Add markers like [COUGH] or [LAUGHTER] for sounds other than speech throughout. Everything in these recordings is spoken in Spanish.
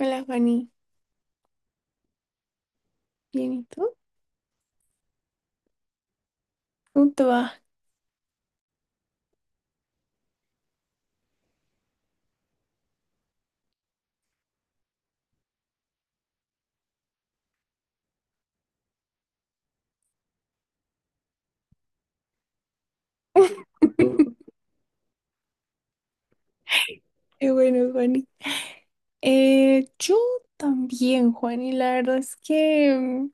Hola, Fanny. Bien, ¿y tú? ¿Cómo te va? [LAUGHS] Qué bueno, Juani. Yo también, Juani. La verdad es que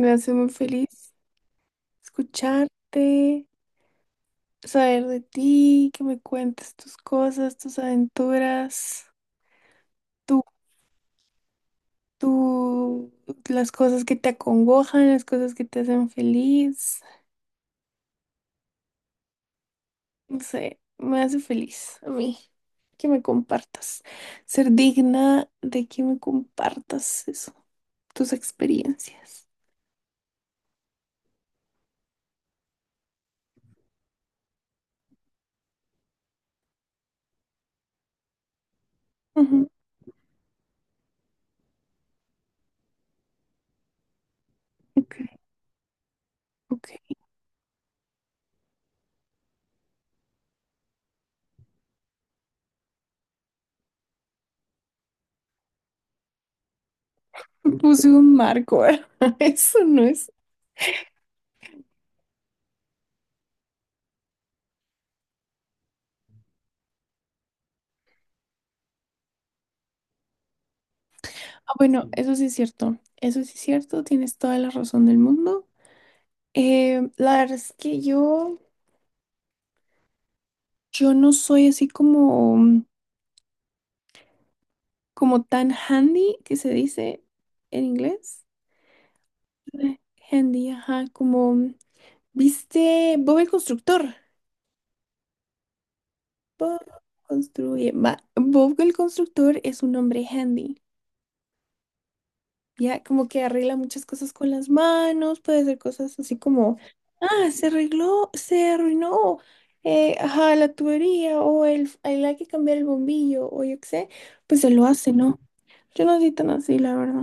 me hace muy feliz escucharte, saber de ti, que me cuentes tus cosas, tus aventuras, tú, tú, las cosas que te acongojan, las cosas que te hacen feliz. No sé, me hace feliz a mí que me compartas, ser digna de que me compartas eso, tus experiencias. Ujú. Ok, ok. Puse un marco, ¿verdad? [LAUGHS] Eso no es. Ah, bueno, eso sí es cierto. Eso sí es cierto. Tienes toda la razón del mundo. La verdad es que yo no soy así como, como tan handy, que se dice en inglés. Eh, Handy, ajá, como, ¿viste? Bob el constructor. Bob construye. Va, Bob el constructor es un hombre handy. Ya como que arregla muchas cosas con las manos, puede hacer cosas así como, ah, se arregló, se arruinó, ajá, la tubería o el hay que cambiar el bombillo o yo qué sé, pues se lo hace, ¿no? Yo no soy tan así, la verdad.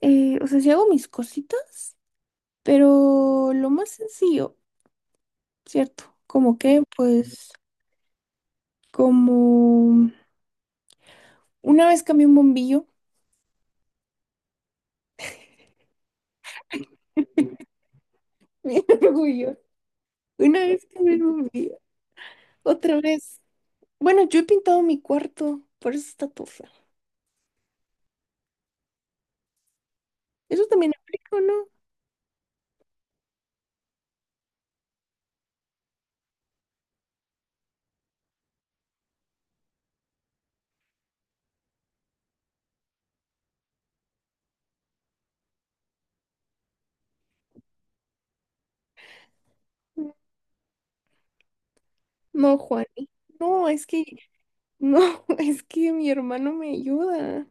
O sea, sí hago mis cositas, pero lo más sencillo, ¿cierto? Como que, pues, como una vez cambié un bombillo, [LAUGHS] bien orgullo, una vez cambié un bombillo, otra vez. Bueno, yo he pintado mi cuarto, por eso está todo feo. Eso también aplica, ¿o no? No, Juani. No, es que, no, [LAUGHS] es que mi hermano me ayuda.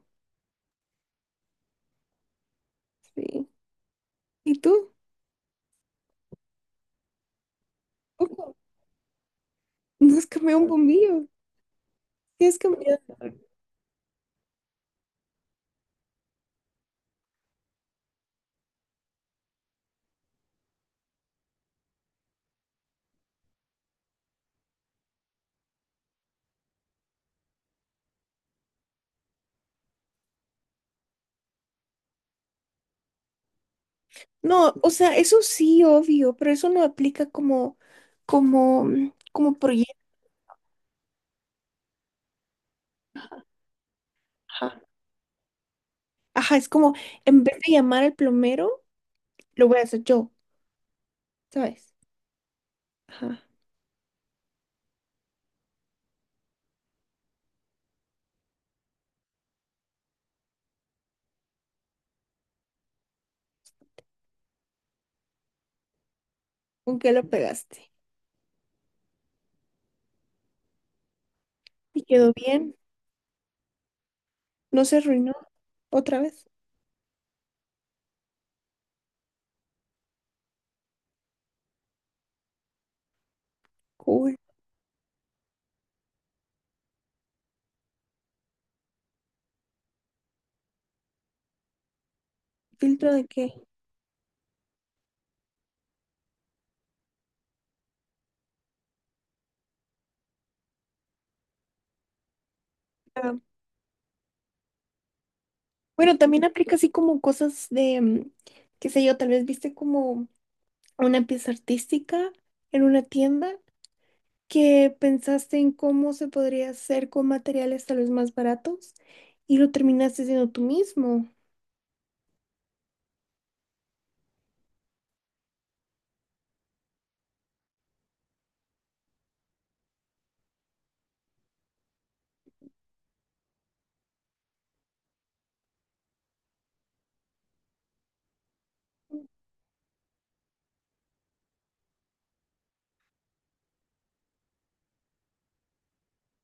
Sí. ¿Y tú? Ojo, no has cambiado un bombillo. Sí, has cambiado. No, o sea, eso sí, obvio, pero eso no aplica como, como, como proyecto. Ajá, es como, en vez de llamar al plomero, lo voy a hacer yo, ¿sabes? Ajá. ¿Con qué lo pegaste? ¿Y quedó bien? ¿No se arruinó otra vez? Cool. ¿Filtro de qué? Ah, bueno, también aplica así como cosas de, qué sé yo, tal vez viste como una pieza artística en una tienda que pensaste en cómo se podría hacer con materiales tal vez más baratos y lo terminaste haciendo tú mismo.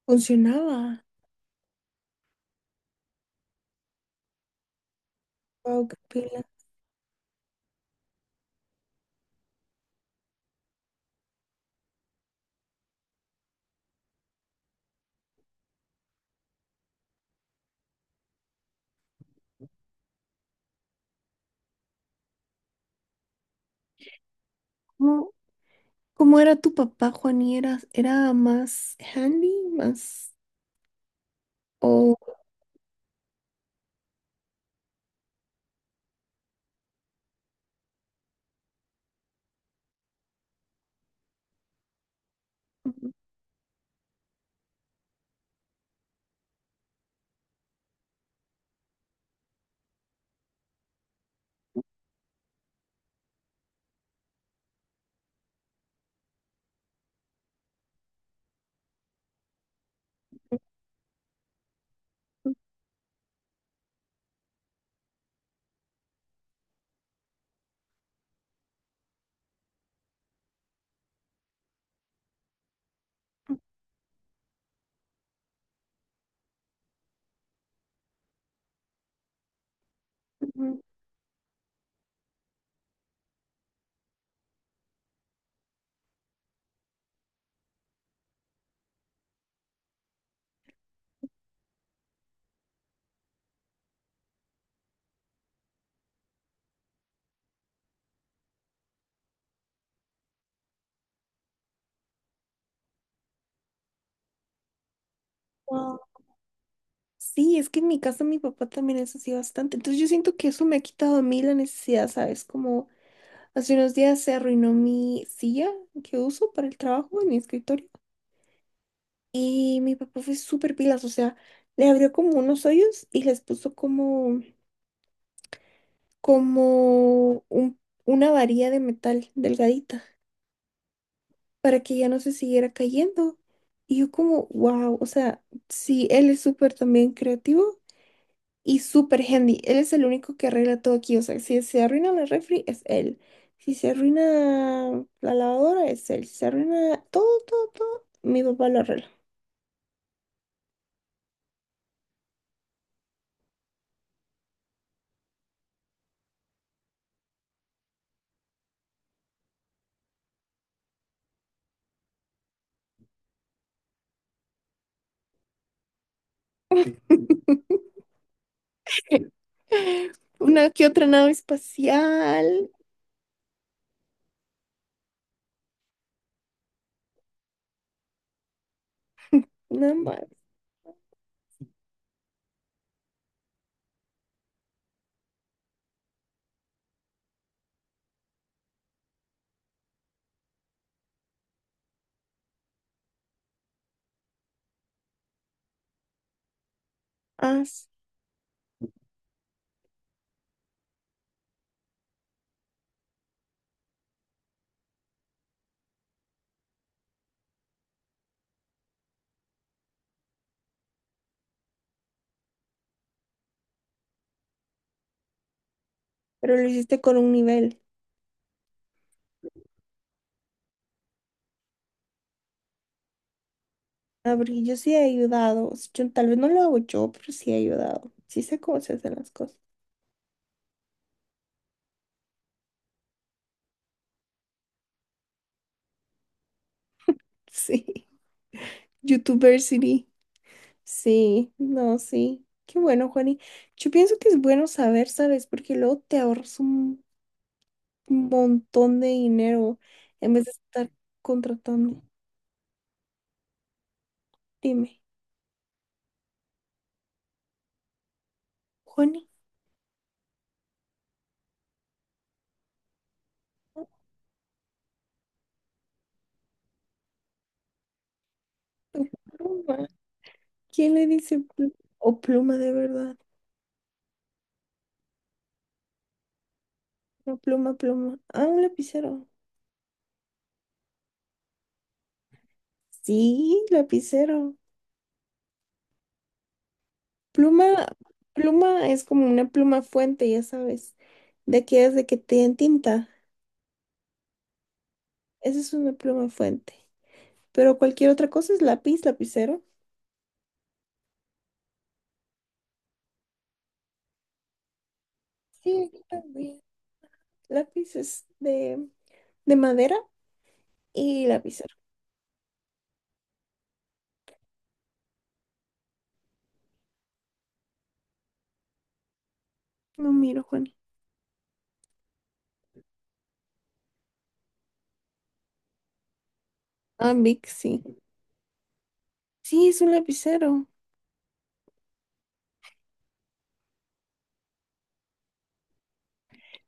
Funcionaba. Wow, qué pila. ¿Cómo- ¿Cómo era tu papá, Juani? ¿Era, era más handy, más o Ujú. Wow. Sí, es que en mi casa mi papá también es así bastante. Entonces yo siento que eso me ha quitado a mí la necesidad, ¿sabes? Como hace unos días se arruinó mi silla que uso para el trabajo en mi escritorio. Y mi papá fue súper pilas, o sea, le abrió como unos hoyos y les puso como, como un- una varilla de metal delgadita, para que ya no se siguiera cayendo. Y yo como, wow, o sea, sí, él es súper también creativo y súper handy. Él es el único que arregla todo aquí. O sea, si se arruina la refri, es él. Si se arruina la lavadora, es él. Si se arruina todo, todo, todo, mi papá lo arregla. [LAUGHS] Una que otra nave espacial, nada más. Ah, s- pero lo hiciste con un nivel. Ah, porque yo sí he ayudado. Tal vez no lo hago yo, pero sí he ayudado. Sí sé cómo se hacen las cosas. Sí. [LAUGHS] YouTubersity. Sí, no, sí. Qué bueno, Juani. Yo pienso que es bueno saber, ¿sabes? Porque luego te ahorras un montón de dinero en vez de estar contratando. Dime, Juani, tu pluma. ¿Quién le dice pluma? O pluma de verdad. No, pluma, pluma. Ah, un lapicero. Sí, lapicero. Pluma, pluma es como una pluma fuente, ya sabes. De aquellas de que te dan tinta. Esa es una pluma fuente. Pero cualquier otra cosa es lápiz, lapicero. Sí, aquí también. Lápiz es de madera y lapicero. No miro, Juani. Ah, Vic, sí. Sí, es un lapicero.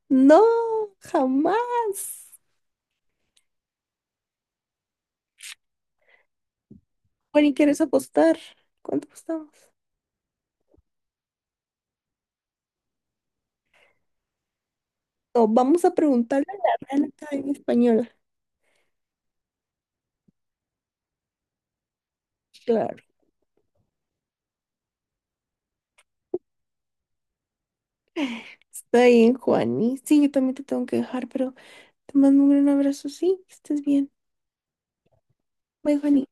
No, jamás. Bueno, ¿y quieres apostar? ¿Cuánto apostamos? No, vamos a preguntarle a la Real Academia Española. Claro, está bien, Juani. Sí, yo también te tengo que dejar, pero te mando un gran abrazo, sí, que estés bien. Bye, Juani.